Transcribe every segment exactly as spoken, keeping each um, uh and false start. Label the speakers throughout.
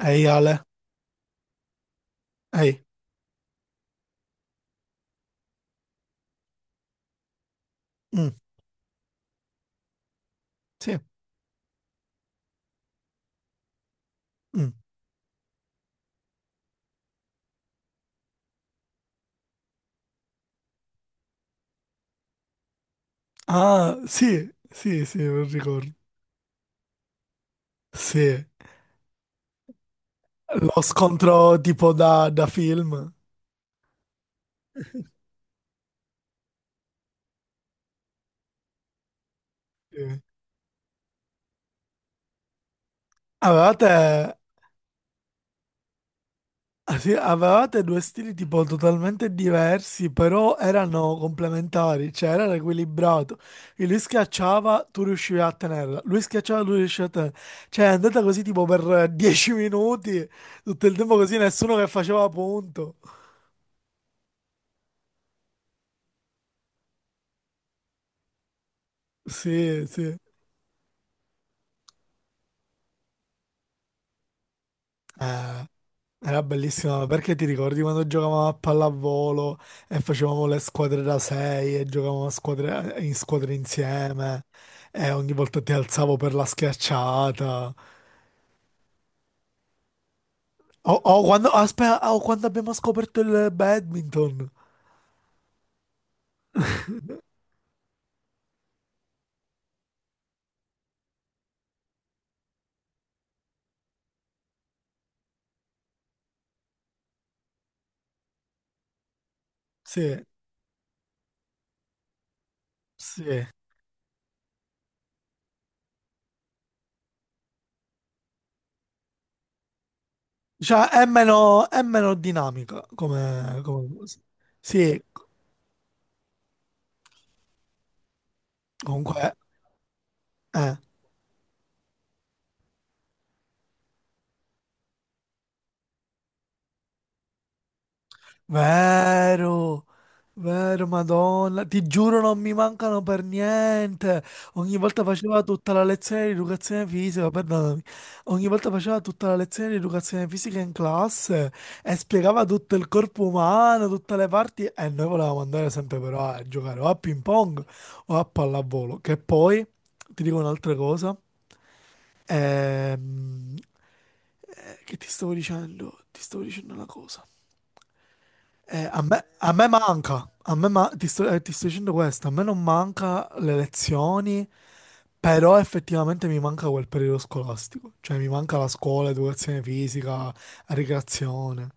Speaker 1: Ehi Ale, ehi. Mm, sì, mm. Ah, sì, sì, sì, non ricordo. Sì, lo scontro tipo da, da film. Sì. Avevate, ah, sì, avevate due stili tipo totalmente diversi, però erano complementari, cioè era equilibrato. E lui schiacciava, tu riuscivi a tenerla. Lui schiacciava, tu riuscivi a tenerla. Cioè è andata così tipo per dieci minuti, tutto il tempo così, nessuno che faceva punto. Sì, sì. Eh, Era bellissima perché ti ricordi quando giocavamo a pallavolo e facevamo le squadre da sei e giocavamo a squadre- in squadre insieme e ogni volta ti alzavo per la schiacciata. O o quando, aspetta, o quando abbiamo scoperto il badminton. Sì, sì. Cioè è meno, è meno dinamica come, come cosa. Sì, comunque, eh. Vero, vero, Madonna, ti giuro non mi mancano per niente. Ogni volta faceva tutta la lezione di educazione fisica, perdonami. Ogni volta faceva tutta la lezione di educazione fisica in classe e spiegava tutto il corpo umano, tutte le parti e noi volevamo andare sempre però a giocare o a ping pong o a pallavolo. Che poi, ti dico un'altra cosa, ehm, eh, che ti stavo dicendo? Ti stavo dicendo una cosa. Eh, a me, a me manca, a me ma- ti sto, eh, ti sto dicendo questo, a me non manca le lezioni, però effettivamente mi manca quel periodo scolastico, cioè mi manca la scuola, educazione fisica, ricreazione.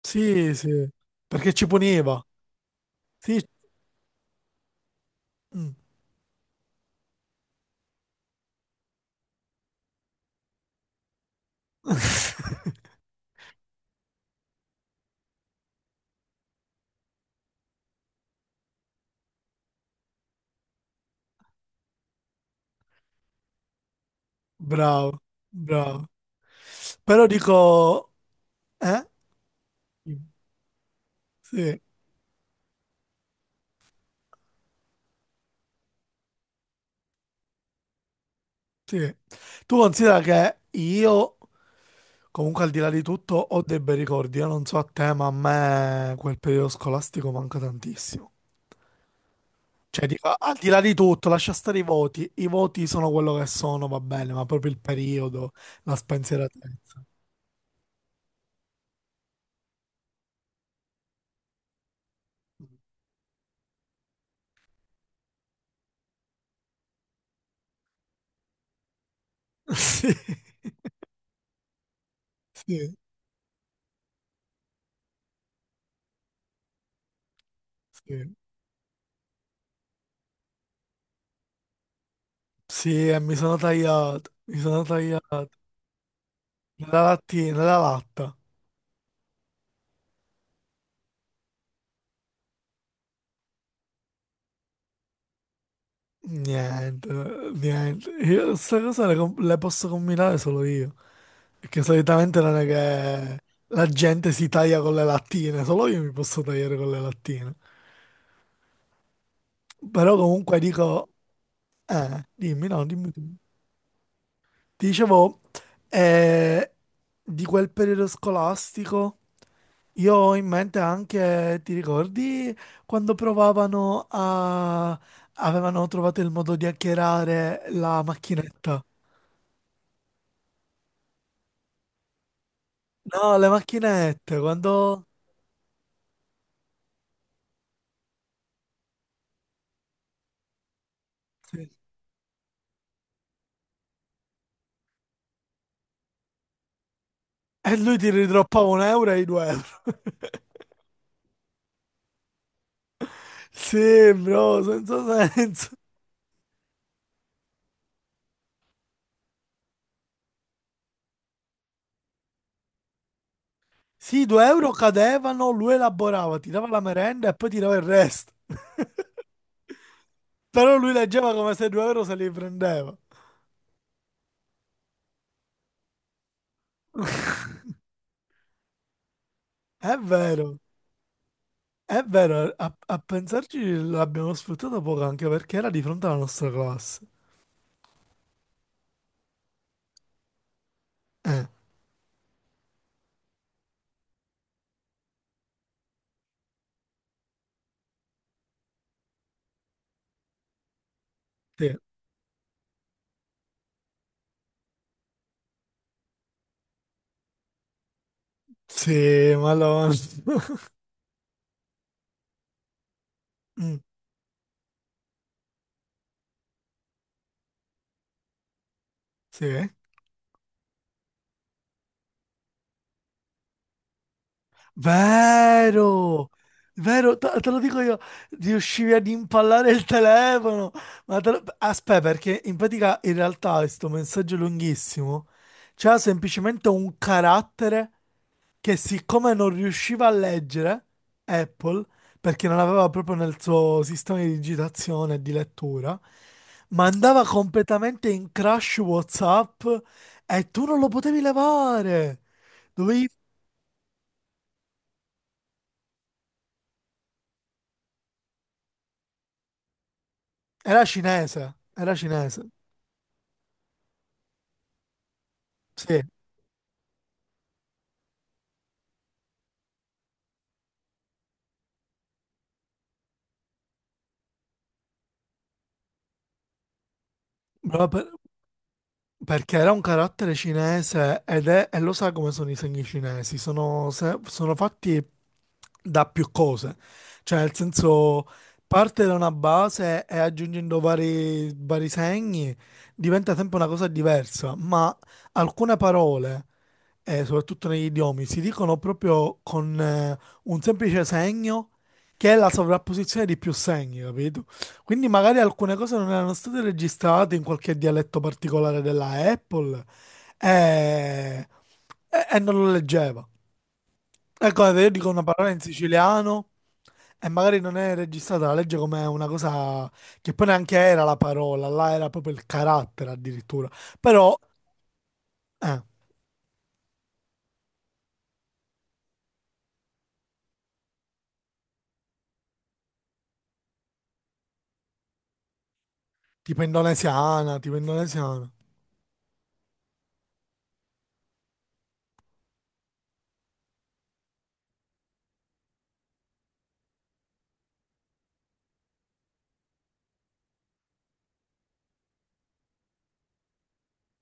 Speaker 1: Sì, sì, perché ci puniva. Sì. Mm. Bravo, bravo. Però dico, eh? Sì, sì. Tu considera che io. Comunque, al di là di tutto, ho dei bei ricordi. Io non so a te, ma a me quel periodo scolastico manca tantissimo. Cioè, dico, al di là di tutto, lascia stare i voti. I voti sono quello che sono, va bene, ma proprio il periodo, la spensieratezza. Sì, sì, sì. Sì, e mi sono tagliato. Mi sono tagliato. Nella lattina, nella latta. Niente, niente. Io questa cosa le, com- le posso combinare solo io. Perché solitamente non è che la gente si taglia con le lattine, solo io mi posso tagliare con le lattine. Però comunque dico, eh, dimmi, no, dimmi tu. Ti dicevo, eh, di quel periodo scolastico, io ho in mente anche, ti ricordi quando provavano a, avevano trovato il modo di hackerare la macchinetta? No, le macchinette, quando. E lui ti ridroppava un euro e i due euro. Sì, bro, senza senso. Sì, i due euro cadevano, lui elaborava, ti dava la merenda e poi ti dava il resto. Però lui leggeva come se i due euro se li prendeva. È vero, è vero, a, a pensarci l'abbiamo sfruttata poco anche perché era di fronte alla nostra classe. Eh, sì, sì, ma lo. Mm, sì. Vero, vero, te, te lo dico io, riuscivi ad impallare il telefono. Ma te lo- Aspetta, perché in pratica in realtà questo messaggio lunghissimo c'ha semplicemente un carattere che siccome non riusciva a leggere Apple, perché non aveva proprio nel suo sistema di digitazione e di lettura, mandava completamente in crash WhatsApp e tu non lo potevi levare. Dovevi. Era cinese, era cinese. Sì, proprio per- perché era un carattere cinese ed è, e lo sa come sono i segni cinesi, sono, se- sono fatti da più cose. Cioè, nel senso, parte da una base e aggiungendo vari, vari segni diventa sempre una cosa diversa, ma alcune parole, eh, soprattutto negli idiomi, si dicono proprio con eh, un semplice segno che è la sovrapposizione di più segni, capito? Quindi magari alcune cose non erano state registrate in qualche dialetto particolare della Apple e, e- e non lo leggeva. Ecco, guarda, io dico una parola in siciliano e magari non è registrata la legge come una cosa che poi neanche era la parola, là era proprio il carattere addirittura. Però, eh, tipo indonesiana, tipo indonesiana.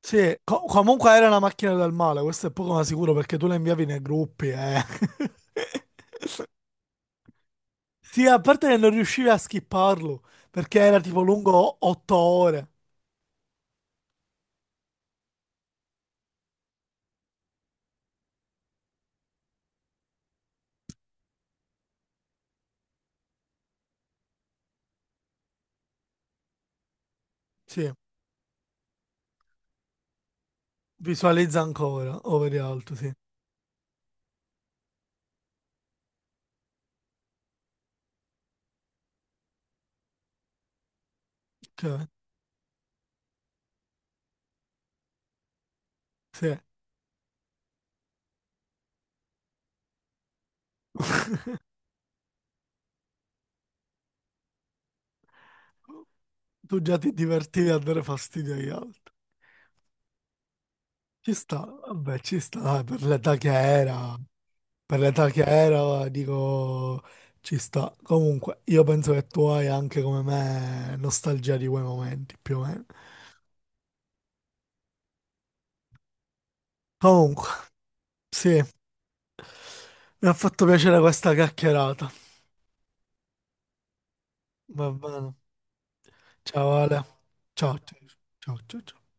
Speaker 1: Sì, co- comunque era una macchina del male, questo è poco ma sicuro perché tu la inviavi nei gruppi, eh. Sì, a parte che non riuscivi a skipparlo perché era tipo lungo otto ore. Sì, visualizza ancora, over alto, sì. Cioè, sì. Tu già ti divertivi a dare fastidio agli altri. Ci sta, vabbè, ci sta, dai, per l'età che era, per l'età che era, dico, ci sta. Comunque, io penso che tu hai anche come me nostalgia di quei momenti, più o meno. Comunque, sì, mi ha fatto piacere questa chiacchierata. Va bene. Ciao Ale. Ciao, ciao, ciao, ciao, ciao.